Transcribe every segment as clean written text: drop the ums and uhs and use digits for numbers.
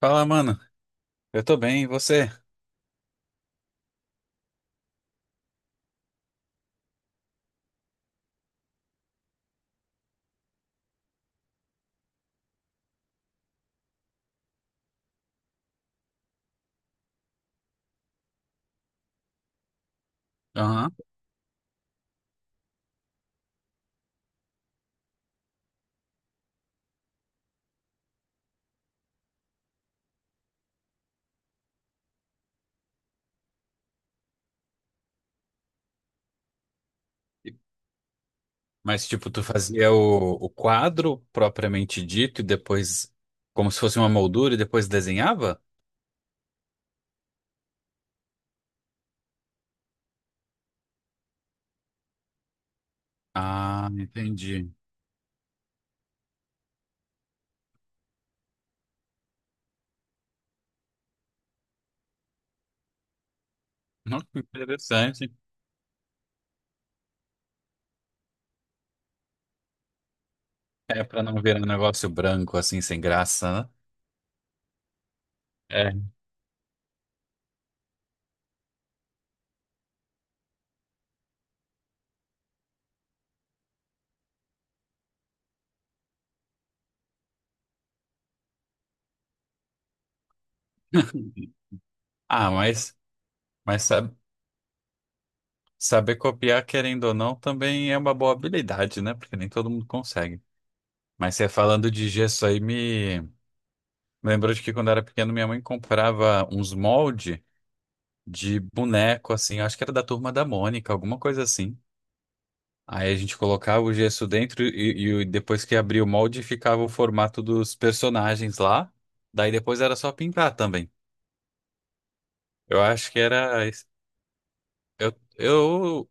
Fala, mano. Eu tô bem, e você? Aham. Mas, tipo, tu fazia o quadro propriamente dito e depois, como se fosse uma moldura e depois desenhava? Ah, entendi. Não, que interessante. É pra não virar um negócio branco assim, sem graça, né? É. Ah, mas, mas sa- saber copiar, querendo ou não, também é uma boa habilidade, né? Porque nem todo mundo consegue. Mas você falando de gesso aí, me lembrou de que quando eu era pequeno, minha mãe comprava uns moldes de boneco, assim, acho que era da Turma da Mônica, alguma coisa assim. Aí a gente colocava o gesso dentro e depois que abria o molde ficava o formato dos personagens lá. Daí depois era só pintar também. Eu acho que era. Es- Eu,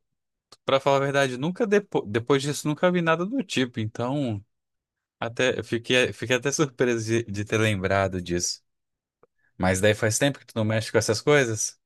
para falar a verdade, nunca depois disso nunca vi nada do tipo. Então, até eu fiquei até surpreso de ter lembrado disso. Mas daí faz tempo que tu não mexe com essas coisas?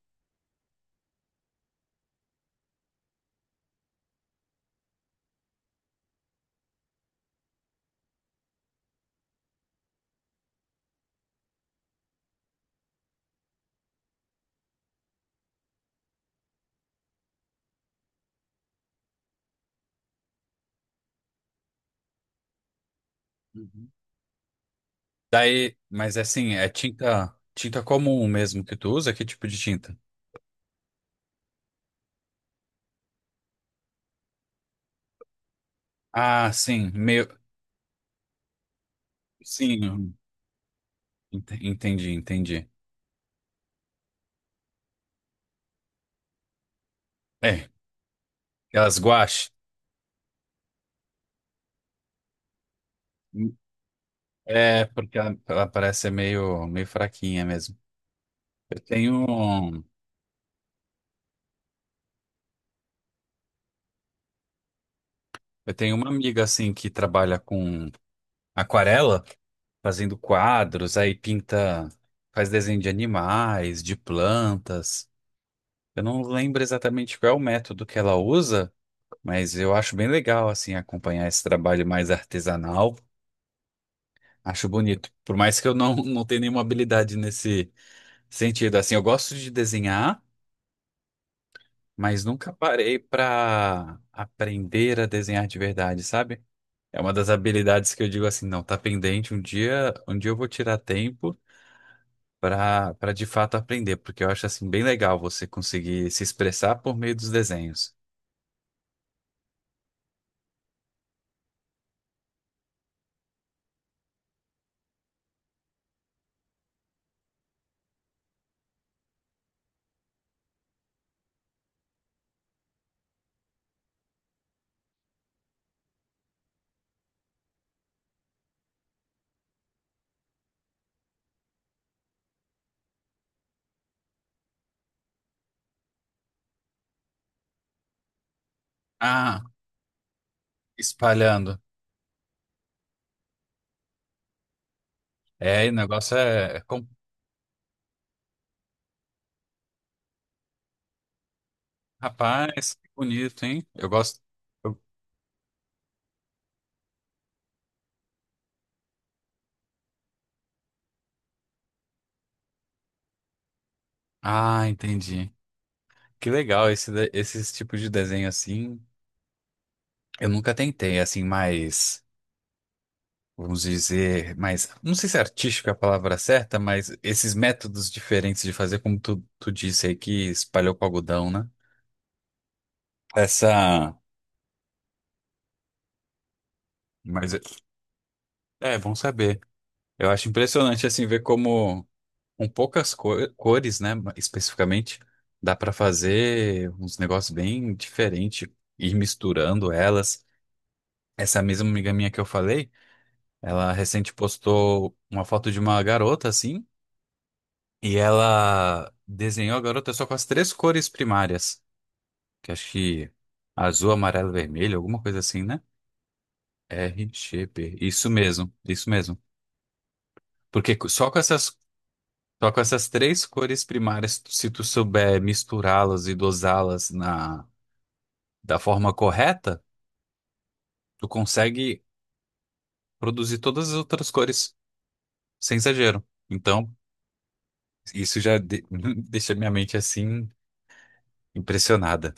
Daí, mas é assim, é tinta comum mesmo que tu usa? Que tipo de tinta? Ah, sim, meio, sim, entendi, entendi. É, aquelas guache. É, porque ela parece ser meio, meio fraquinha mesmo. Eu tenho, eu tenho uma amiga assim que trabalha com aquarela, fazendo quadros, aí pinta, faz desenho de animais, de plantas. Eu não lembro exatamente qual é o método que ela usa. Mas eu acho bem legal, assim, acompanhar esse trabalho mais artesanal. Acho bonito. Por mais que eu não tenha nenhuma habilidade nesse sentido. Assim, eu gosto de desenhar, mas nunca parei para aprender a desenhar de verdade, sabe? É uma das habilidades que eu digo assim, não, tá pendente. Um dia eu vou tirar tempo para de fato aprender, porque eu acho assim bem legal você conseguir se expressar por meio dos desenhos. Ah, espalhando. É, o negócio é complexo. Rapaz, que bonito, hein? Eu gosto. eu- Ah, entendi. Que legal esse, esses tipos de desenho assim. Eu nunca tentei, assim, mais, vamos dizer, mais, não sei se artístico é a palavra certa, mas esses métodos diferentes de fazer, como tu disse aí, que espalhou com algodão, né? Essa. Mas é bom saber. Eu acho impressionante, assim, ver como. Com poucas cores, né? Especificamente, dá pra fazer uns negócios bem diferentes, ir misturando elas. Essa mesma amiga minha que eu falei, ela recente postou uma foto de uma garota assim, e ela desenhou a garota só com as três cores primárias, que acho que azul, amarelo, vermelho, alguma coisa assim, né? R, G, P. Isso mesmo, isso mesmo. Porque só com essas três cores primárias, se tu souber misturá-las e dosá-las na da forma correta, tu consegue produzir todas as outras cores, sem exagero. Então, isso deixa minha mente assim impressionada.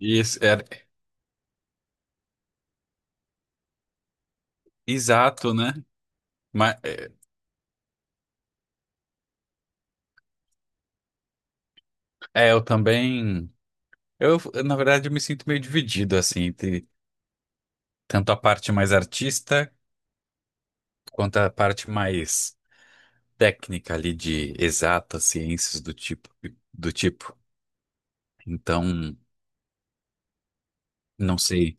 E isso era exato, né? Mas eu também, eu na verdade eu me sinto meio dividido assim entre tanto a parte mais artista quanto a parte mais técnica ali de exatas ciências do tipo. Então, não sei.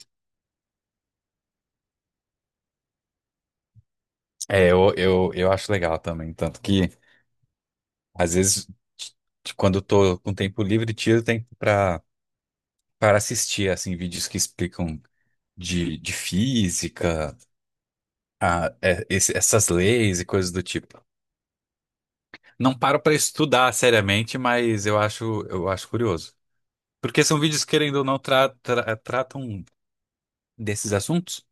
É, eu acho legal também, tanto que às vezes, quando eu tô com tempo livre, tiro tempo para assistir assim vídeos que explicam de física, essas leis e coisas do tipo. Não paro para estudar seriamente, mas eu acho curioso. Porque são vídeos que, querendo ou não, tratam desses assuntos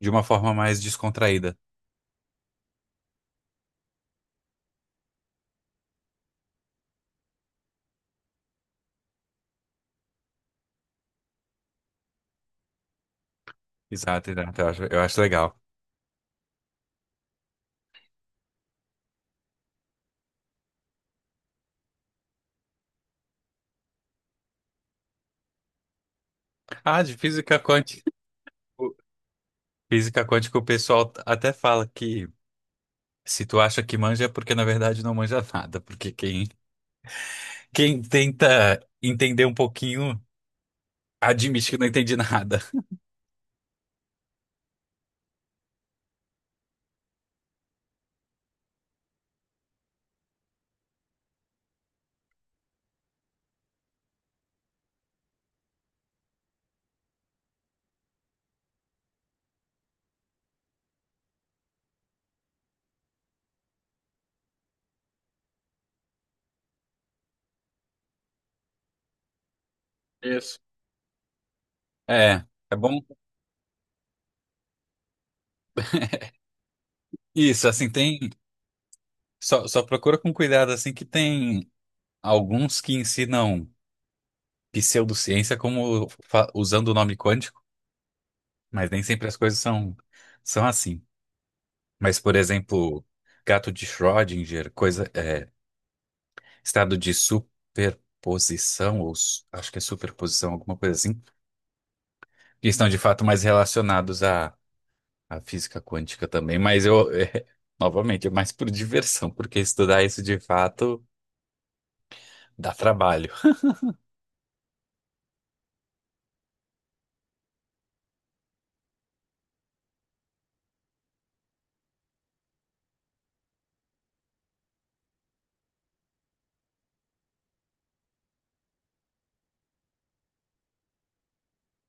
de uma forma mais descontraída. Exato, eu acho legal. Ah, de física quântica. Física quântica, o pessoal até fala que, se tu acha que manja é porque na verdade não manja nada, porque quem tenta entender um pouquinho admite que não entende nada. Isso. É, é bom. Isso, assim, tem. Só procura com cuidado, assim, que tem alguns que ensinam pseudociência como usando o nome quântico, mas nem sempre as coisas são assim. Mas, por exemplo, gato de Schrödinger, coisa, é, estado de superposição, ou acho que é superposição, alguma coisa assim, que estão de fato mais relacionados à, à física quântica também, mas eu, é, novamente, é mais por diversão, porque estudar isso de fato dá trabalho.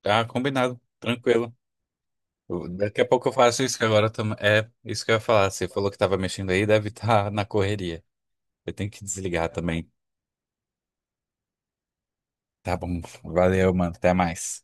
Ah, combinado, tranquilo. Daqui a pouco eu faço isso que agora também é isso que eu ia falar. Você falou que estava mexendo aí, deve estar na correria. Eu tenho que desligar também. Tá bom, valeu, mano, até mais.